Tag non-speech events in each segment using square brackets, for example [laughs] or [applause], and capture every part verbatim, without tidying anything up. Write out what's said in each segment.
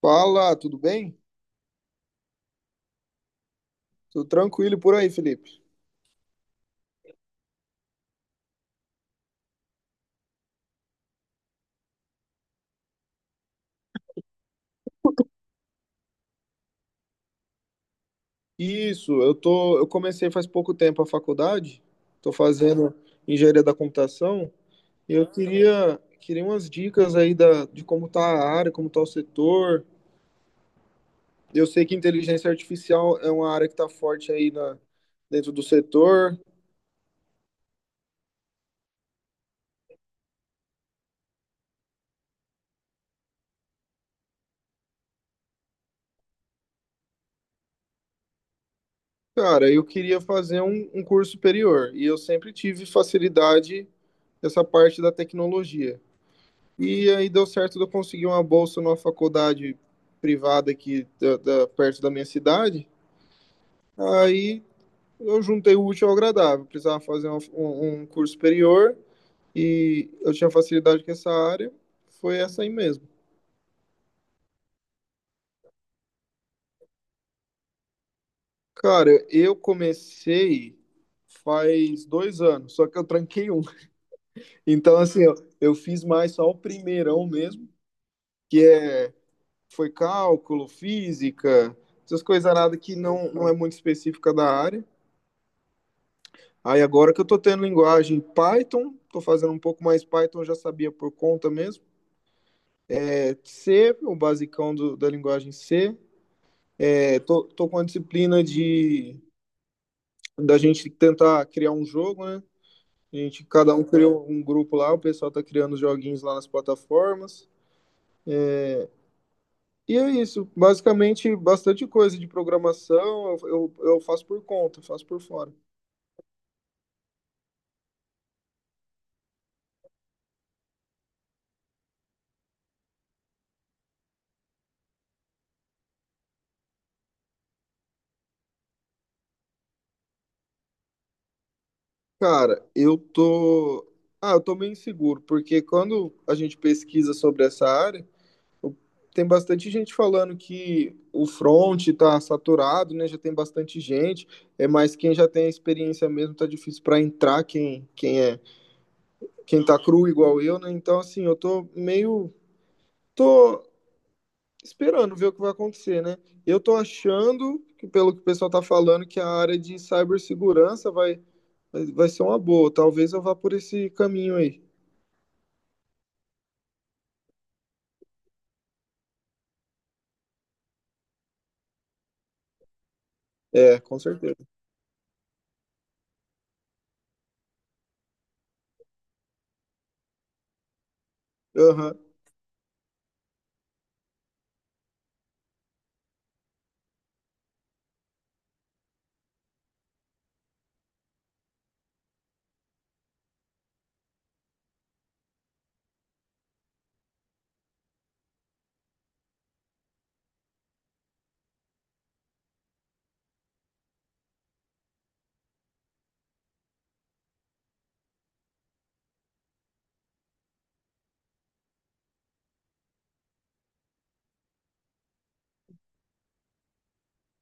Fala, tudo bem? Tudo tranquilo por aí, Felipe? Isso, eu tô, eu comecei faz pouco tempo a faculdade, tô fazendo engenharia da computação e eu queria, queria umas dicas aí da, de como tá a área, como tá o setor. Eu sei que inteligência artificial é uma área que tá forte aí na, dentro do setor. Cara, eu queria fazer um, um curso superior e eu sempre tive facilidade nessa parte da tecnologia. E aí deu certo de eu conseguir uma bolsa numa faculdade privada aqui da, da- perto da minha cidade. Aí eu juntei o útil ao agradável. Precisava fazer uma- um, um curso superior e eu tinha facilidade com essa área. Foi essa aí mesmo. Cara, eu comecei faz dois anos, só que eu tranquei um. [laughs] Então, assim, eu, eu fiz mais só o primeirão mesmo, que é, foi cálculo, física, essas coisas nada que não, não é muito específica da área. Aí agora que eu tô tendo linguagem Python, tô fazendo um pouco mais Python, já sabia por conta mesmo. É C, o basicão do, da linguagem C. É, tô, tô com a disciplina de da gente tentar criar um jogo, né? A gente, cada um criou um grupo lá, o pessoal tá criando os joguinhos lá nas plataformas. E é isso, basicamente bastante coisa de programação, eu, eu, eu faço por conta, faço por fora. Cara, eu tô. Ah, eu tô meio inseguro, porque quando a gente pesquisa sobre essa área, tem bastante gente falando que o front está saturado, né? Já tem bastante gente. É mais quem já tem a experiência mesmo tá difícil para entrar quem quem é quem tá cru igual eu, né? Então assim, eu tô meio tô esperando ver o que vai acontecer, né? Eu tô achando que pelo que o pessoal tá falando que a área de cibersegurança vai vai ser uma boa. Talvez eu vá por esse caminho aí. É, com certeza. Aham.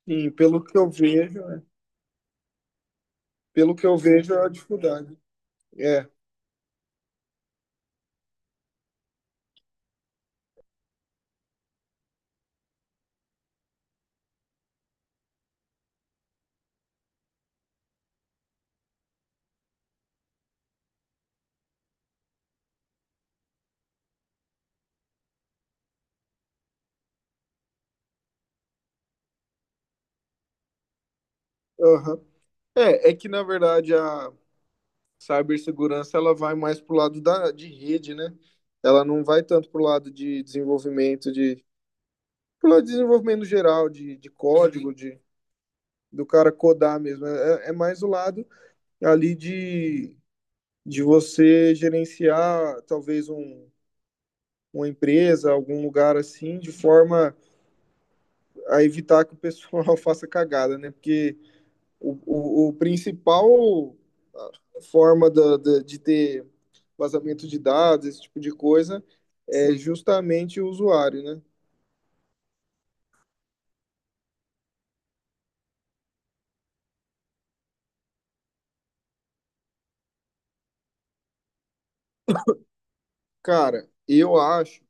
Sim, pelo que eu vejo, pelo que eu vejo é a dificuldade. É. Aham. É, é que na verdade a cibersegurança ela vai mais pro lado da, de rede, né? Ela não vai tanto pro lado de desenvolvimento de pro lado de desenvolvimento geral de, de código, de do cara codar mesmo. É, é é mais o lado ali de, de você gerenciar talvez um, uma empresa, algum lugar assim, de forma a evitar que o pessoal [laughs] faça cagada, né? Porque o, o, o principal forma da- da- de ter vazamento de dados, esse tipo de coisa, é Sim. justamente o usuário, né? Cara, eu acho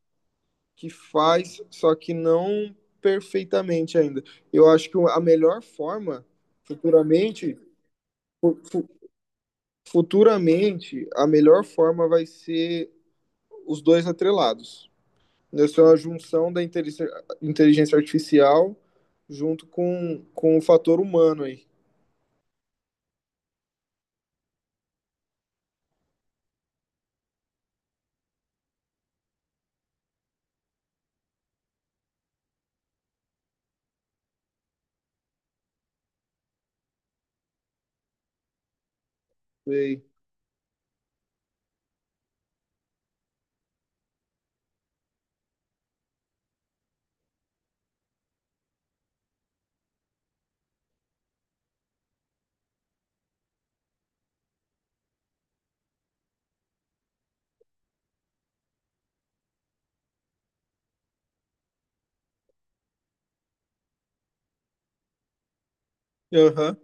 que faz, só que não perfeitamente ainda. Eu acho que a melhor forma, futuramente, fu- futuramente, a melhor forma vai ser os dois atrelados. Isso é uma junção da inteligência inteligência artificial junto com, com o fator humano aí. Sei. Aham.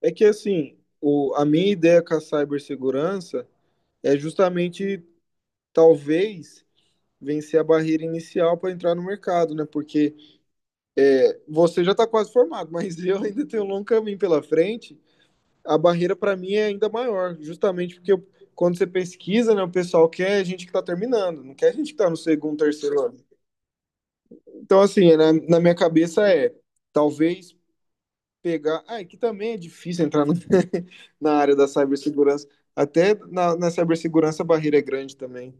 É que assim, o, a minha ideia com a cibersegurança é justamente, talvez, vencer a barreira inicial para entrar no mercado, né? Porque você já está quase formado, [laughs] mas eu ainda tenho um longo caminho pela frente. A barreira para mim é ainda maior, justamente porque eu, quando você pesquisa, né, o pessoal quer a gente que está terminando, não quer a gente que está no segundo, terceiro ano. Então, assim, na, na minha cabeça é talvez pegar. Ah, e que também é difícil entrar no- [laughs] na área da cibersegurança. Até na, na cibersegurança a barreira é grande também.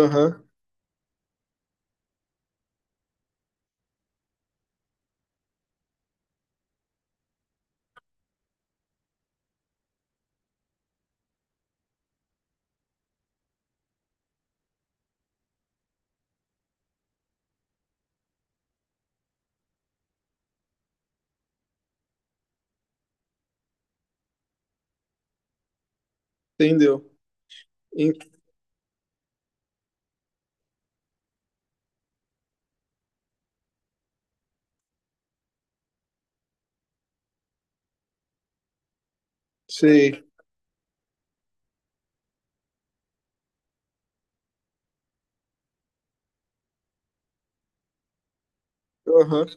Aham, entendeu. En- Sei. Aham,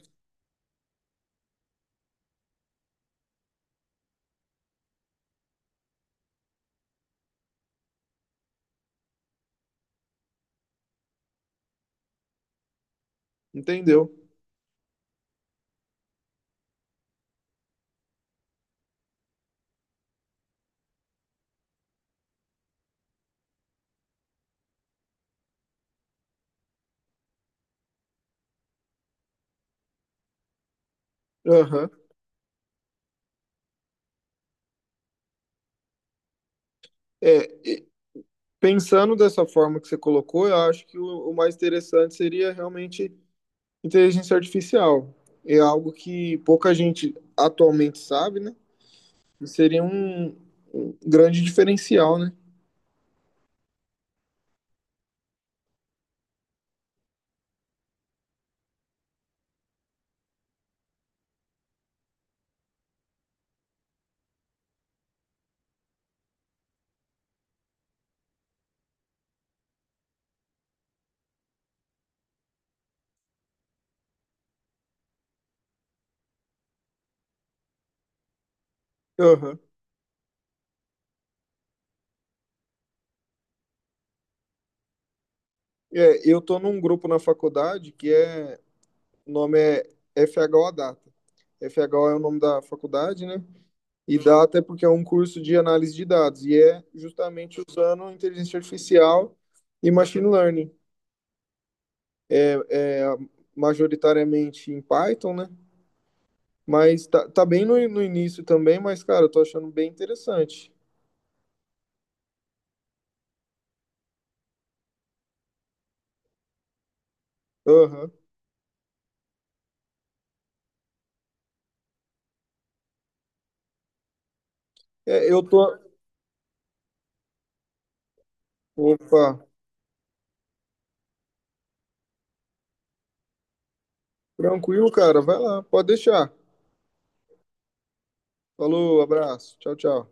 entendeu. Aham. É, e pensando dessa forma que você colocou, eu acho que o, o mais interessante seria realmente inteligência artificial. É algo que pouca gente atualmente sabe, né? E seria um, um grande diferencial, né? Aham. É, eu tô num grupo na faculdade que é O nome é F H O Data. F H O é o nome da faculdade, né? E Data é porque é um curso de análise de dados e é justamente usando inteligência artificial e machine learning. É majoritariamente em Python, né? Mas tá, tá bem no, no início também, mas, cara, eu tô achando bem interessante. Aham. É, eu tô. Opa, tranquilo, cara. Vai lá, pode deixar. Falou, abraço. Tchau, tchau.